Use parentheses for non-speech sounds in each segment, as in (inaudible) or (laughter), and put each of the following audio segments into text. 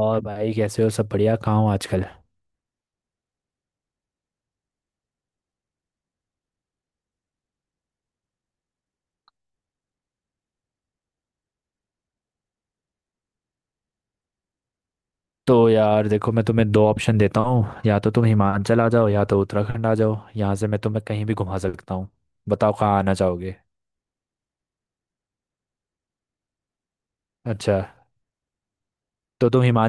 और भाई कैसे हो? सब बढ़िया? कहाँ हो आजकल? तो यार देखो, मैं तुम्हें दो ऑप्शन देता हूँ, या तो तुम हिमाचल आ जाओ या तो उत्तराखंड आ जाओ। यहाँ से मैं तुम्हें कहीं भी घुमा सकता हूँ। बताओ कहाँ आना चाहोगे? अच्छा। तो तुम हिमा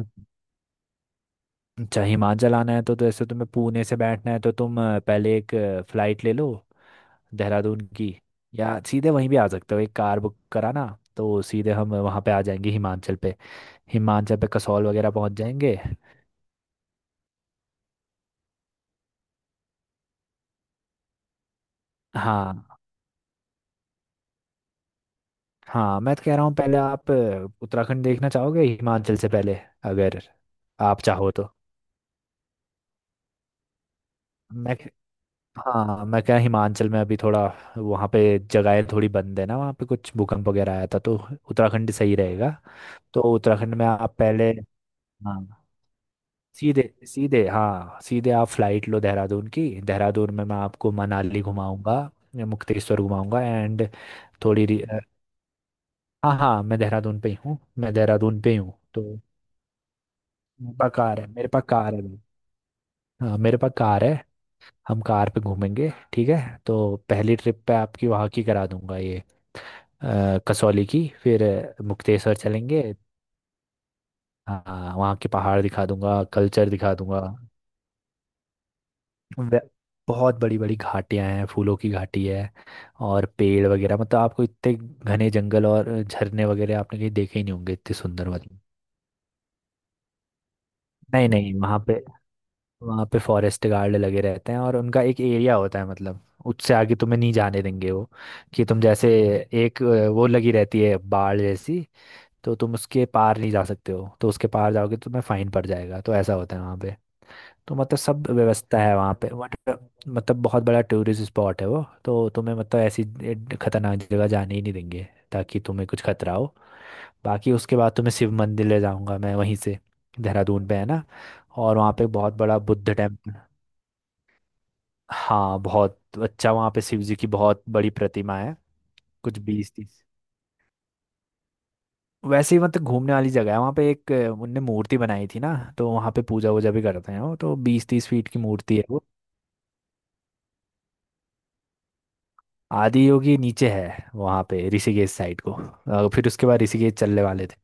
अच्छा, हिमाचल आना है तो ऐसे तुम्हें पुणे से बैठना है, तो तुम पहले एक फ़्लाइट ले लो देहरादून की। या सीधे वहीं भी आ सकते हो, एक कार बुक कराना, तो सीधे हम वहाँ पे आ जाएंगे हिमाचल पे। हिमाचल पे कसौल वगैरह पहुँच जाएंगे। हाँ हाँ, मैं तो कह रहा हूँ, पहले आप उत्तराखंड देखना चाहोगे हिमाचल से पहले? अगर आप चाहो तो। मैं, हाँ मैं क्या, हिमाचल में अभी थोड़ा वहाँ पे जगहें थोड़ी बंद है ना, वहाँ पे कुछ भूकंप वगैरह आया था तो। उत्तराखंड सही रहेगा। तो उत्तराखंड में आप पहले, हाँ सीधे सीधे, हाँ सीधे आप फ्लाइट लो देहरादून की। देहरादून में मैं आपको मनाली घुमाऊंगा, मुक्तेश्वर घुमाऊंगा एंड थोड़ी रि- हाँ हाँ, मैं देहरादून पे ही हूँ, मैं देहरादून पे ही हूँ तो। मेरे पास कार है, मेरे पास कार है। हाँ मेरे पास कार है। हम कार पे घूमेंगे, ठीक है। तो पहली ट्रिप पे आपकी वहाँ की करा दूंगा ये कसौली की। फिर मुक्तेश्वर चलेंगे। हाँ वहाँ के पहाड़ दिखा दूंगा, कल्चर दिखा दूंगा। वे- बहुत बड़ी बड़ी घाटियाँ हैं, फूलों की घाटी है और पेड़ वगैरह। मतलब आपको इतने घने जंगल और झरने वगैरह आपने कहीं देखे ही नहीं होंगे, इतने सुंदर वाले। नहीं नहीं, वहाँ पे, वहाँ पे फॉरेस्ट गार्ड लगे रहते हैं और उनका एक एरिया होता है। मतलब उससे आगे तुम्हें नहीं जाने देंगे वो। कि तुम जैसे एक वो लगी रहती है बाड़ जैसी। तो तुम उसके पार नहीं जा सकते हो, तो उसके पार जाओगे तो तुम्हें फाइन पड़ जाएगा। तो ऐसा होता है वहाँ पे। तो मतलब सब व्यवस्था है वहाँ पे, बट मतलब बहुत बड़ा टूरिस्ट स्पॉट है वो। तो तुम्हें मतलब ऐसी खतरनाक जगह जाने ही नहीं देंगे, ताकि तुम्हें कुछ खतरा हो। बाकी उसके बाद तुम्हें शिव मंदिर ले जाऊंगा मैं, वहीं से देहरादून पे है ना। और वहाँ पे बहुत बड़ा बुद्ध टेम्पल। हाँ बहुत अच्छा, वहाँ पे शिव जी की बहुत बड़ी प्रतिमा है। कुछ 20-30 वैसे ही, मतलब घूमने वाली जगह है वहाँ पे। एक उनने मूर्ति बनाई थी ना, तो वहाँ पे पूजा वूजा भी करते हैं वो। तो 20-30 फीट की मूर्ति है वो। आदि योगी नीचे है वहाँ पे ऋषिकेश साइड को फिर उसके बाद ऋषिकेश चलने वाले थे।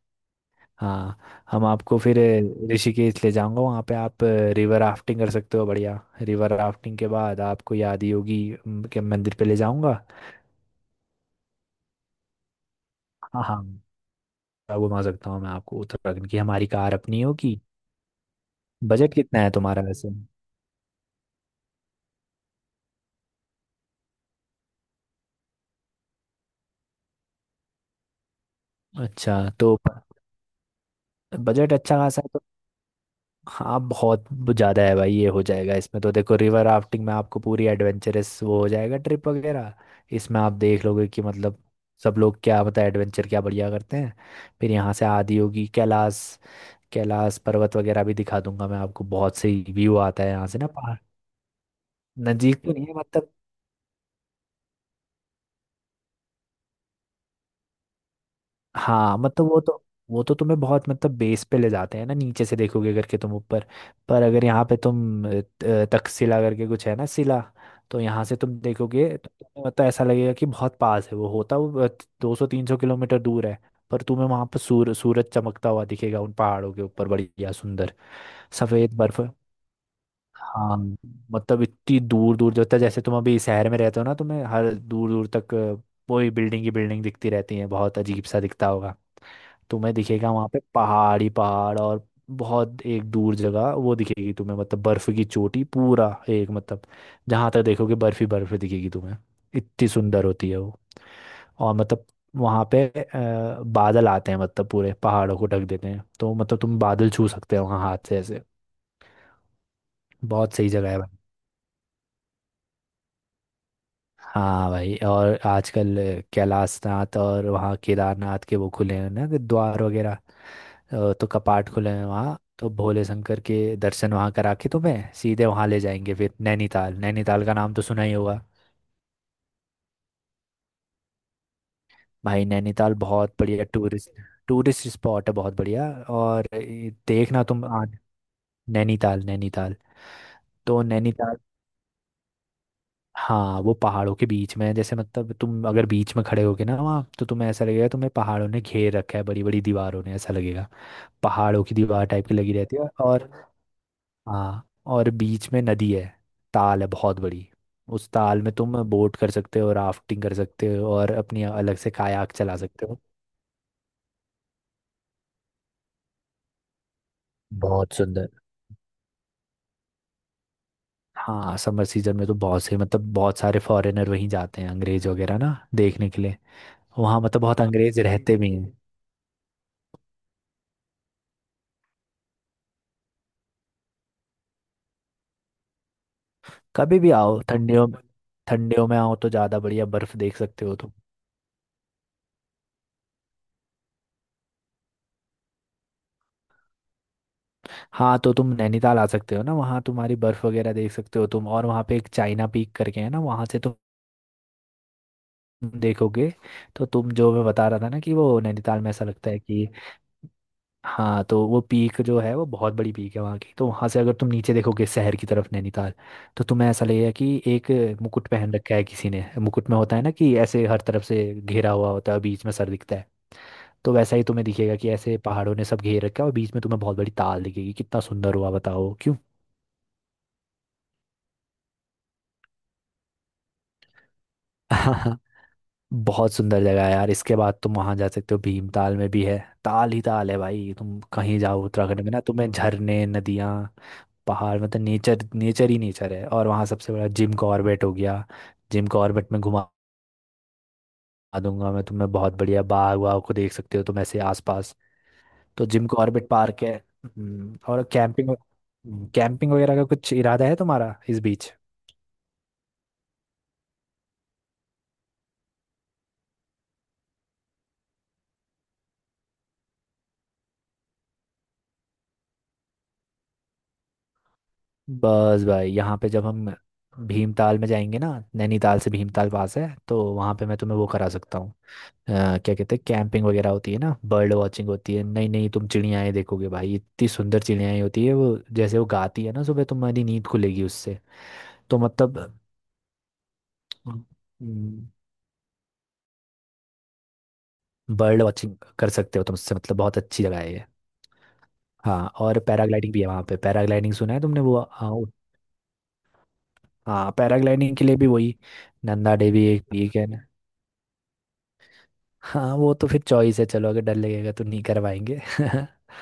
हाँ, हम आपको फिर ऋषिकेश ले जाऊंगा। वहाँ पे आप रिवर राफ्टिंग कर सकते हो बढ़िया। रिवर राफ्टिंग के बाद आपको ये आदि योगी के मंदिर पे ले जाऊंगा। हाँ हाँ, घुमा सकता हूँ मैं आपको उत्तराखंड की, हमारी कार अपनी होगी। बजट कितना है तुम्हारा वैसे? अच्छा तो, बजट अच्छा खासा है तो। हाँ बहुत ज़्यादा है भाई, ये हो जाएगा इसमें तो। देखो रिवर राफ्टिंग में आपको पूरी एडवेंचरस वो हो जाएगा, ट्रिप वगैरह। इसमें आप देख लोगे कि मतलब सब लोग क्या, मतलब एडवेंचर क्या बढ़िया करते हैं। फिर यहाँ से आदि होगी कैलाश, कैलाश पर्वत वगैरह भी दिखा दूंगा मैं आपको। बहुत सही व्यू आता है यहाँ से ना पहाड़। नज़दीक तो नहीं है मतलब। हाँ मतलब वो तो, वो तो तुम्हें बहुत, मतलब बेस पे ले जाते हैं ना, नीचे से देखोगे करके तुम ऊपर। पर अगर यहाँ पे तुम तक्षशिला करके कुछ है ना शिला। तो यहाँ से तुम देखोगे तो तुम्हें मतलब ऐसा लगेगा कि बहुत पास है वो, होता वो 200-300 किलोमीटर दूर है। पर तुम्हें वहां पर सूरज चमकता हुआ दिखेगा उन पहाड़ों के ऊपर, बढ़िया सुंदर सफेद बर्फ। हाँ मतलब इतनी दूर दूर जो तक, जैसे तुम अभी शहर में रहते हो ना, तुम्हें हर दूर दूर तक वही बिल्डिंग की बिल्डिंग दिखती रहती है, बहुत अजीब सा दिखता होगा। तुम्हें दिखेगा वहाँ पे पहाड़ ही पहाड़, और बहुत एक दूर जगह वो दिखेगी तुम्हें, मतलब बर्फ की चोटी पूरा एक मतलब, जहाँ तक देखोगे बर्फ ही बर्फ दिखेगी तुम्हें। इतनी सुंदर होती है वो। और मतलब वहाँ पे बादल आते हैं, मतलब पूरे पहाड़ों को ढक देते हैं, तो मतलब तुम बादल छू सकते हो वहाँ हाथ से ऐसे। बहुत सही जगह है। हाँ भाई, और आजकल कैलाशनाथ और वहाँ केदारनाथ के वो खुले हैं ना, कि द्वार वगैरह। तो कपाट खुले हैं वहाँ, तो भोले शंकर के दर्शन वहाँ करा के तुम्हें सीधे वहाँ ले जाएंगे। फिर नैनीताल, नैनीताल का नाम तो सुना ही होगा। भाई नैनीताल बहुत बढ़िया टूरिस्ट, टूरिस्ट स्पॉट है बहुत बढ़िया। और ये देखना तुम आ नैनीताल, नैनीताल, तो नैनीताल, हाँ वो पहाड़ों के बीच में है। जैसे मतलब तुम अगर बीच में खड़े होगे ना वहाँ, तो तुम्हें ऐसा लगेगा तुम्हें पहाड़ों ने घेर रखा है, बड़ी बड़ी दीवारों ने ऐसा लगेगा। पहाड़ों की दीवार टाइप की लगी रहती है। और हाँ, और बीच में नदी है, ताल है बहुत बड़ी। उस ताल में तुम बोट कर सकते हो, राफ्टिंग कर सकते हो और अपनी अलग से कायाक चला सकते हो। बहुत सुंदर। हाँ समर सीजन में तो बहुत से, मतलब बहुत सारे फॉरेनर वहीं जाते हैं, अंग्रेज वगैरह ना देखने के लिए। वहाँ मतलब बहुत अंग्रेज रहते भी हैं। कभी भी आओ। ठंडियों में, ठंडियों में आओ तो ज़्यादा बढ़िया बर्फ़ देख सकते हो तुम। हाँ तो तुम नैनीताल आ सकते हो ना, वहाँ तुम्हारी बर्फ़ वगैरह देख सकते हो तुम। और वहाँ पे एक चाइना पीक करके है ना, वहाँ से तुम देखोगे। तो तुम, जो मैं बता रहा था ना कि वो नैनीताल में ऐसा लगता है कि, हाँ तो वो पीक जो है वो बहुत बड़ी पीक है वहाँ की। तो वहाँ से अगर तुम नीचे देखोगे शहर की तरफ नैनीताल, तो तुम्हें ऐसा लगेगा कि एक मुकुट पहन रखा है किसी ने। मुकुट में होता है ना कि ऐसे हर तरफ से घेरा हुआ होता है और बीच में सर दिखता है। तो वैसा ही तुम्हें दिखेगा कि ऐसे पहाड़ों ने सब घेर रखा है, और बीच में तुम्हें बहुत बड़ी ताल दिखेगी। कितना सुंदर हुआ, बताओ क्यों? (laughs) बहुत सुंदर जगह है यार। इसके बाद तुम वहां जा सकते हो, भीमताल में भी है ताल ही ताल है भाई। तुम कहीं जाओ उत्तराखंड में ना, तुम्हें झरने, नदियाँ, पहाड़, मतलब नेचर नेचर ही नेचर है। और वहाँ सबसे बड़ा जिम कॉर्बेट हो गया। जिम कॉर्बेट में घुमा दूंगा मैं तुम्हें। बहुत बढ़िया बाग वाग को देख सकते हो तुम ऐसे आसपास। तो जिम कॉर्बेट पार्क है। और कैंपिंग, कैंपिंग वगैरह का कुछ इरादा है तुम्हारा इस बीच? बस भाई, यहाँ पे जब हम भीमताल में जाएंगे ना, नैनीताल से भीमताल पास है, तो वहाँ पे मैं तुम्हें वो करा सकता हूँ। क्या कहते हैं कैंपिंग वगैरह होती है ना, बर्ड वॉचिंग होती है। नहीं नहीं, तुम चिड़ियाएँ देखोगे भाई, इतनी सुंदर चिड़ियाएँ होती है वो। जैसे वो गाती है ना, सुबह तुम्हारी नींद खुलेगी उससे। तो मतलब, हम्म, बर्ड वॉचिंग कर सकते हो तुम, उससे मतलब बहुत अच्छी जगह है ये। हाँ और पैराग्लाइडिंग भी है वहाँ पे। पैराग्लाइडिंग सुना है तुमने? वो, हाँ हाँ, पैराग्लाइडिंग के लिए भी वही नंदा देवी एक पीक है। हाँ वो तो फिर चॉइस है, चलो अगर डर लगेगा तो नहीं करवाएंगे। (laughs)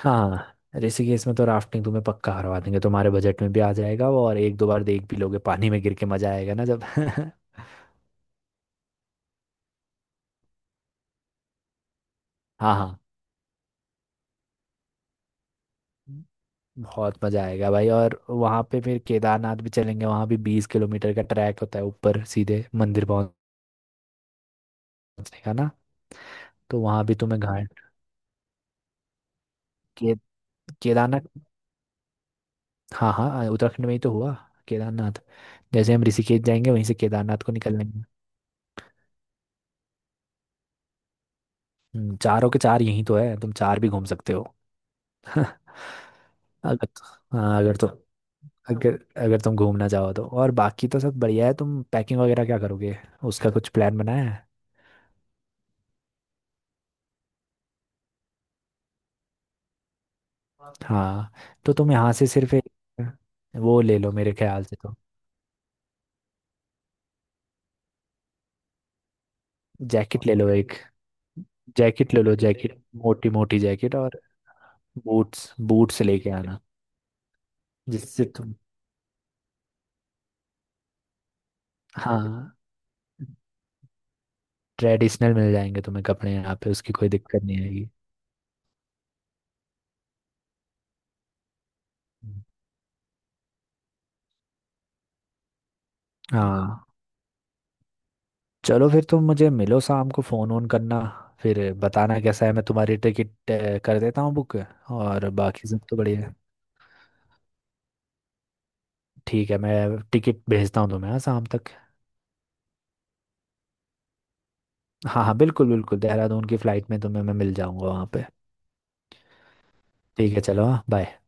हाँ, ऋषिकेश में तो राफ्टिंग तुम्हें पक्का करवा देंगे, तुम्हारे बजट में भी आ जाएगा वो। और एक दो बार देख भी लोगे पानी में गिर के, मजा आएगा ना जब। (laughs) हाँ हाँ, बहुत मजा आएगा भाई। और वहाँ पे फिर केदारनाथ भी चलेंगे, वहाँ भी 20 किलोमीटर का ट्रैक होता है ऊपर सीधे मंदिर पहुँचने का ना। तो वहाँ भी तुम्हें घाट के केदारनाथ। हाँ हाँ, उत्तराखंड में ही तो हुआ केदारनाथ। जैसे हम ऋषिकेश जाएंगे वहीं से केदारनाथ को निकल लेंगे। चारों के चार यहीं तो है, तुम चार भी घूम सकते हो। (laughs) अगर हाँ, अगर तो अगर अगर तुम घूमना चाहो तो। और बाकी तो सब बढ़िया है। तुम पैकिंग वगैरह क्या करोगे, उसका कुछ प्लान बनाया है? हाँ तो तुम यहाँ से सिर्फ एक वो ले लो, मेरे ख्याल से तो। जैकेट ले लो एक, जैकेट ले लो जैकेट, मोटी मोटी जैकेट। और बूट्स, बूट्स लेके आना, जिससे तुम। हाँ, ट्रेडिशनल मिल जाएंगे तुम्हें कपड़े यहाँ पे, उसकी कोई दिक्कत नहीं आएगी। हाँ चलो फिर, तुम मुझे मिलो शाम को, फोन ऑन करना फिर बताना कैसा है। मैं तुम्हारी टिकट कर देता हूँ बुक। और बाकी सब तो बढ़िया है। ठीक है, मैं टिकट भेजता हूँ तुम्हें हाँ, शाम तक। हाँ हाँ बिल्कुल बिल्कुल, देहरादून की फ्लाइट में तुम्हें मैं मिल जाऊंगा वहाँ पे। ठीक है, चलो हाँ बाय।